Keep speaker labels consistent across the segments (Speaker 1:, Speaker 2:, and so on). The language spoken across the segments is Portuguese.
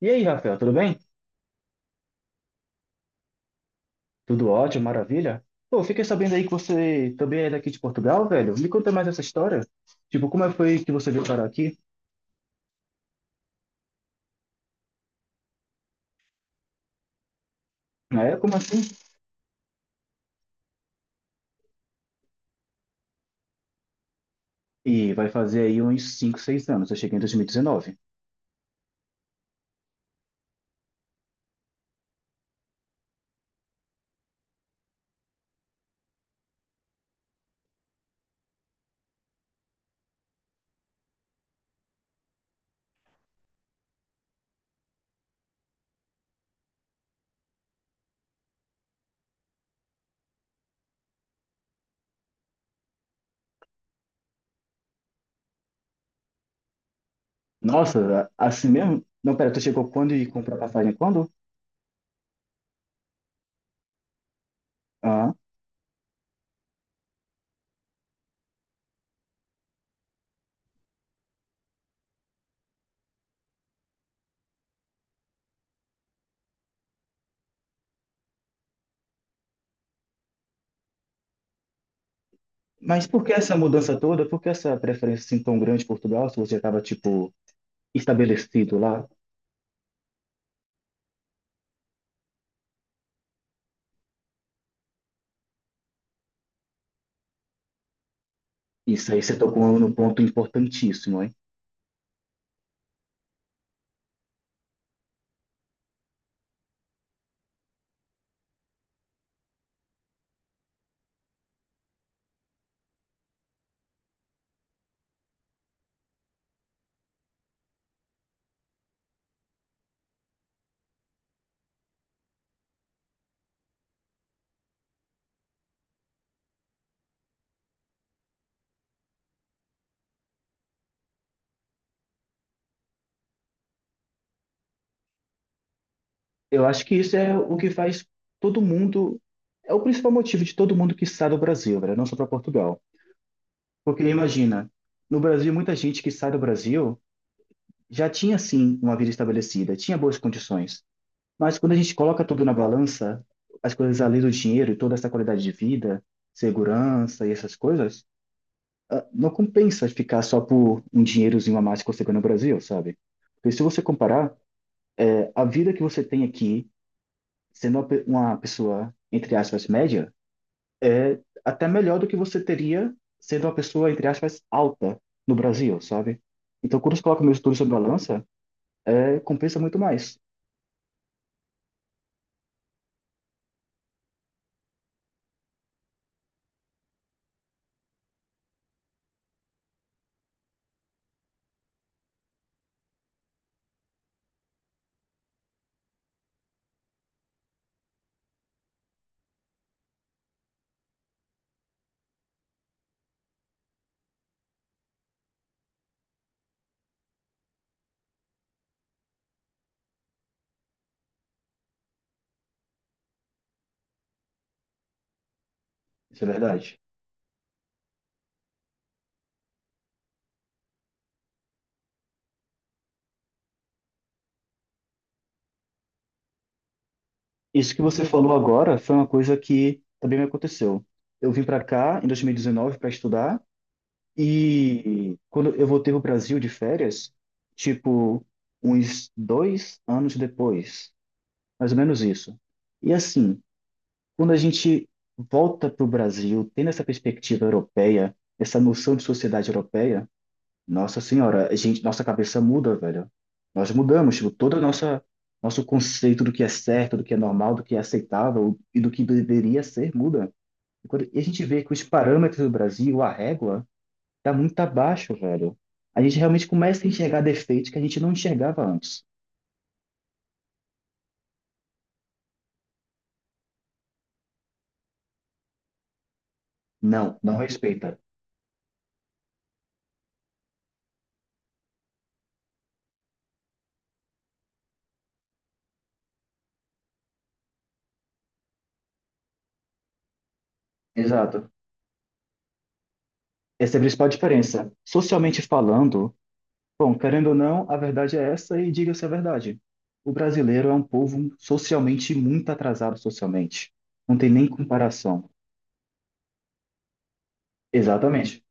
Speaker 1: E aí, Rafael, tudo bem? Tudo ótimo, maravilha? Pô, fiquei sabendo aí que você também é daqui de Portugal, velho. Me conta mais essa história. Tipo, como é foi que você veio parar aqui? É, como assim? E vai fazer aí uns 5, 6 anos. Eu cheguei em 2019. Nossa, assim mesmo? Não, pera, tu chegou quando e comprou a passagem quando? Ah, mas por que essa mudança toda? Por que essa preferência assim tão grande por Portugal se você já estava, tipo, estabelecido lá? Isso aí você tocou num ponto importantíssimo, hein? Eu acho que isso é o que faz todo mundo, é o principal motivo de todo mundo que sai do Brasil, velho, não só para Portugal. Porque imagina, no Brasil, muita gente que sai do Brasil já tinha sim uma vida estabelecida, tinha boas condições. Mas quando a gente coloca tudo na balança, as coisas além do dinheiro e toda essa qualidade de vida, segurança e essas coisas, ah, não compensa ficar só por um dinheirozinho a mais que você ganha no Brasil, sabe? Porque se você comparar, a vida que você tem aqui, sendo uma uma pessoa, entre aspas, média, é até melhor do que você teria sendo uma pessoa, entre aspas, alta no Brasil, sabe? Então, quando você coloca meu estudo sobre a balança, é, compensa muito mais. Isso é verdade. Isso que você falou agora foi uma coisa que também me aconteceu. Eu vim para cá em 2019 para estudar e quando eu voltei pro Brasil de férias, tipo, uns dois anos depois, mais ou menos isso. E assim, quando a gente volta para o Brasil, tendo essa perspectiva europeia, essa noção de sociedade europeia, nossa senhora, a gente, nossa cabeça muda, velho. Nós mudamos, tipo, todo o nossa nosso conceito do que é certo, do que é normal, do que é aceitável e do que deveria ser muda. E, e a gente vê que os parâmetros do Brasil, a régua, tá muito abaixo, velho. A gente realmente começa a enxergar defeitos que a gente não enxergava antes. Não, não respeita. Exato. Essa é a principal diferença. Socialmente falando, bom, querendo ou não, a verdade é essa e diga-se a verdade. O brasileiro é um povo socialmente muito atrasado socialmente. Não tem nem comparação. Exatamente.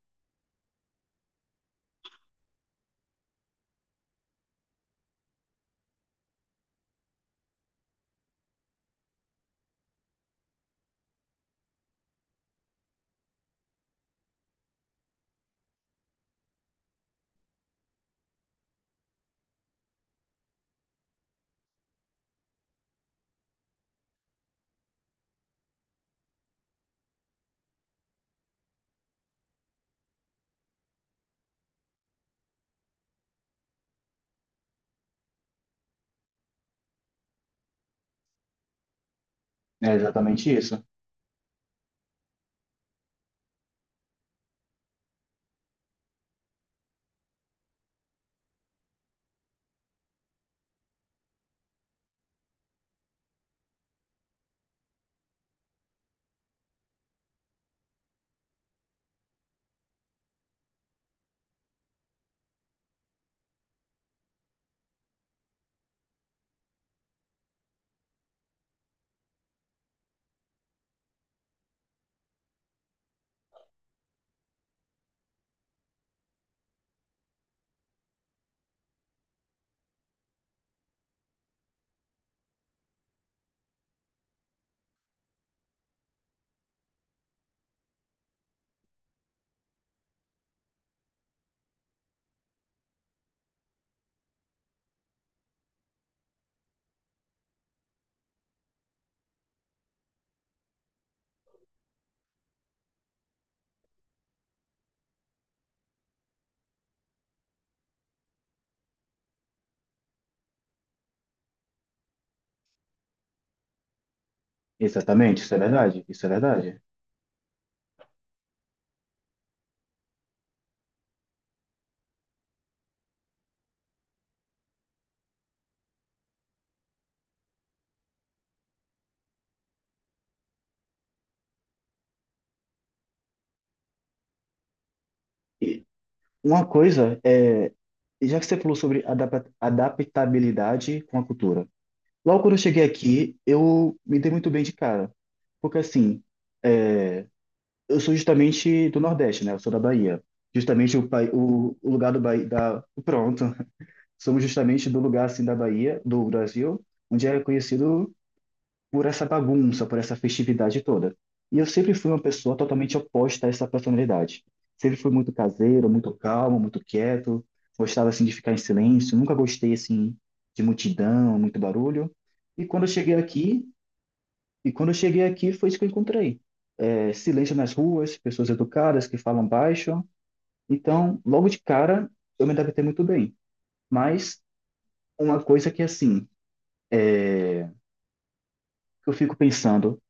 Speaker 1: É exatamente isso. Exatamente, isso é verdade. Isso é verdade. E uma coisa é, já que você falou sobre adaptabilidade com a cultura. Logo quando eu cheguei aqui, eu me dei muito bem de cara. Porque assim, é, eu sou justamente do Nordeste, né? Eu sou da Bahia. Justamente o, o lugar do Bahia, da, pronto, somos justamente do lugar assim da Bahia, do Brasil, onde é conhecido por essa bagunça, por essa festividade toda. E eu sempre fui uma pessoa totalmente oposta a essa personalidade. Sempre fui muito caseiro, muito calmo, muito quieto, gostava assim de ficar em silêncio, nunca gostei assim de multidão, muito barulho. E quando eu cheguei aqui, foi isso que eu encontrei. É, silêncio nas ruas, pessoas educadas que falam baixo. Então, logo de cara, eu me adaptei muito bem. Mas uma coisa que, assim, que eu fico pensando,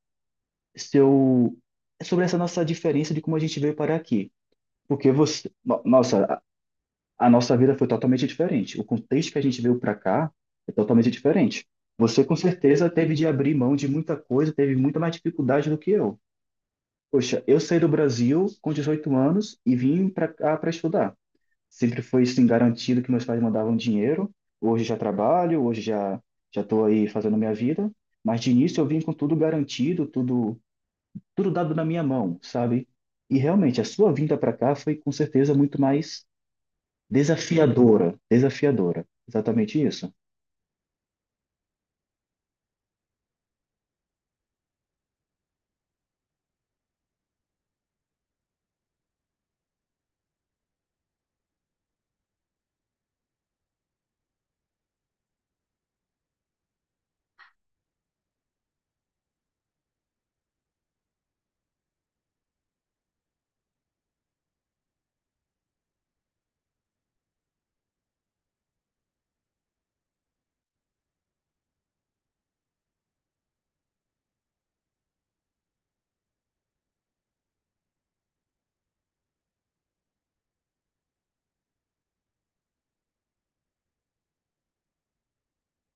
Speaker 1: se eu... sobre essa nossa diferença de como a gente veio parar aqui. Porque você... Nossa, a nossa vida foi totalmente diferente. O contexto que a gente veio para cá é totalmente diferente. Você, com certeza, teve de abrir mão de muita coisa, teve muita mais dificuldade do que eu. Poxa, eu saí do Brasil com 18 anos e vim para cá para estudar. Sempre foi assim garantido que meus pais mandavam dinheiro. Hoje já trabalho, hoje já estou aí fazendo minha vida. Mas de início eu vim com tudo garantido, tudo dado na minha mão, sabe? E realmente a sua vinda para cá foi com certeza muito mais desafiadora, desafiadora. Exatamente isso.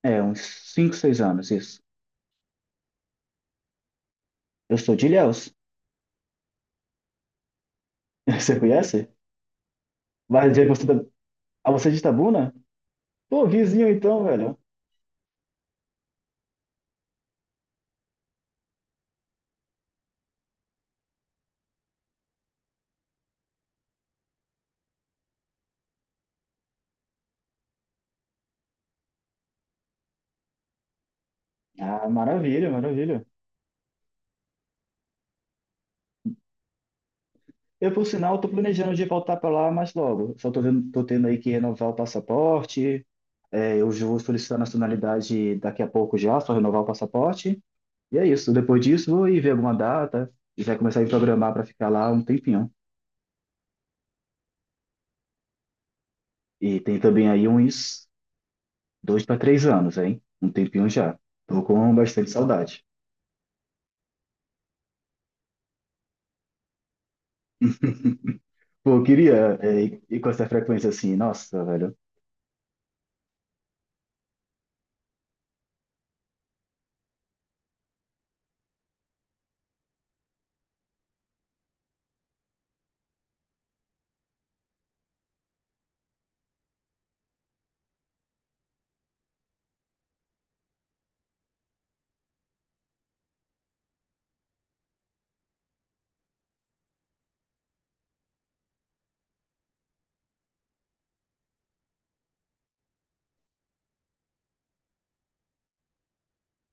Speaker 1: É, uns cinco, seis anos, isso. Eu sou de Ilhéus. Você conhece? Vai dizer que você Ah, você é de Itabuna? Pô, vizinho então, velho. Ah, maravilha, maravilha. Eu, por sinal, estou planejando de voltar para lá mais logo. Só estou tendo, tô tendo aí que renovar o passaporte. É, eu já vou solicitar a nacionalidade daqui a pouco já, só renovar o passaporte. E é isso. Depois disso, vou ir ver alguma data e já começar a me programar para ficar lá um tempinho. E tem também aí uns dois para três anos, hein? Um tempinho já. Tô com bastante saudade. Pô, eu queria é, ir com essa frequência assim. Nossa, velho.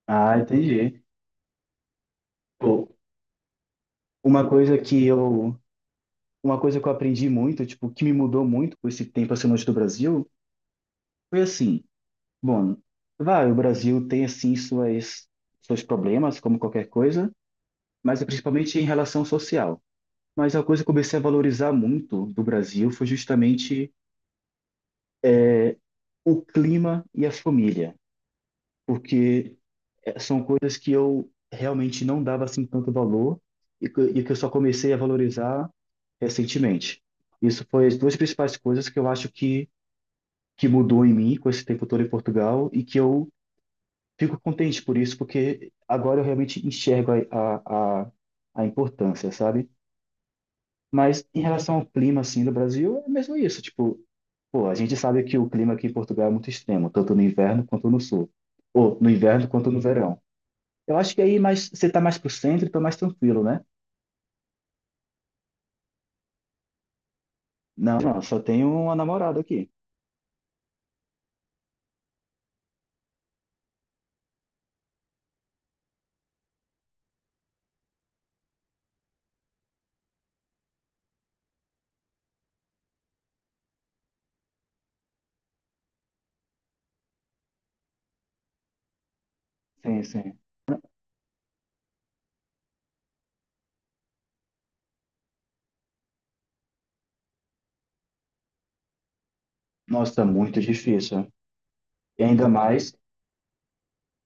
Speaker 1: Ah, entendi. Pô, uma coisa que eu uma coisa que eu aprendi muito, tipo, que me mudou muito com esse tempo assim longe do Brasil, foi assim, bom, vai, o Brasil tem assim suas seus problemas, como qualquer coisa, mas é principalmente em relação social. Mas a coisa que eu comecei a valorizar muito do Brasil foi justamente o clima e a família, porque são coisas que eu realmente não dava assim tanto valor e que eu só comecei a valorizar recentemente. Isso foi as duas principais coisas que eu acho que mudou em mim com esse tempo todo em Portugal e que eu fico contente por isso, porque agora eu realmente enxergo a importância, sabe? Mas em relação ao clima, assim, do Brasil, é mesmo isso. Tipo, pô, a gente sabe que o clima aqui em Portugal é muito extremo, tanto no inverno quanto no sul. Ou no inverno quanto no verão. Eu acho que aí mais, você tá mais pro centro, então mais tranquilo, né? Não, não, só tenho uma namorada aqui. Sim, sim. Nossa, tá muito difícil. E ainda mais,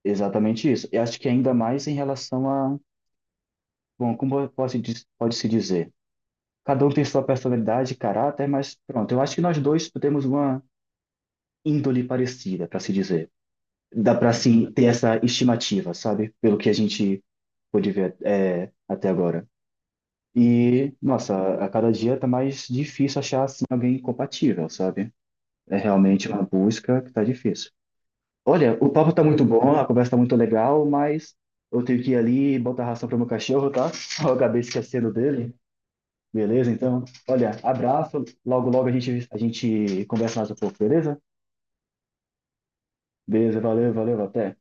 Speaker 1: exatamente isso. E acho que ainda mais em relação a bom, como eu posso, pode-se dizer? Cada um tem sua personalidade e caráter, mas pronto, eu acho que nós dois temos uma índole parecida, para se dizer. Dá para, assim, ter essa estimativa, sabe? Pelo que a gente pôde ver é, até agora. E, nossa, a cada dia tá mais difícil achar, assim, alguém compatível, sabe? É realmente uma busca que tá difícil. Olha, o papo tá muito bom, a conversa tá muito legal, mas eu tenho que ir ali botar ração pro meu cachorro, tá? Eu acabei esquecendo dele. Beleza, então. Olha, abraço. Logo, logo a gente conversa mais um pouco, beleza? Beleza, valeu, valeu, até.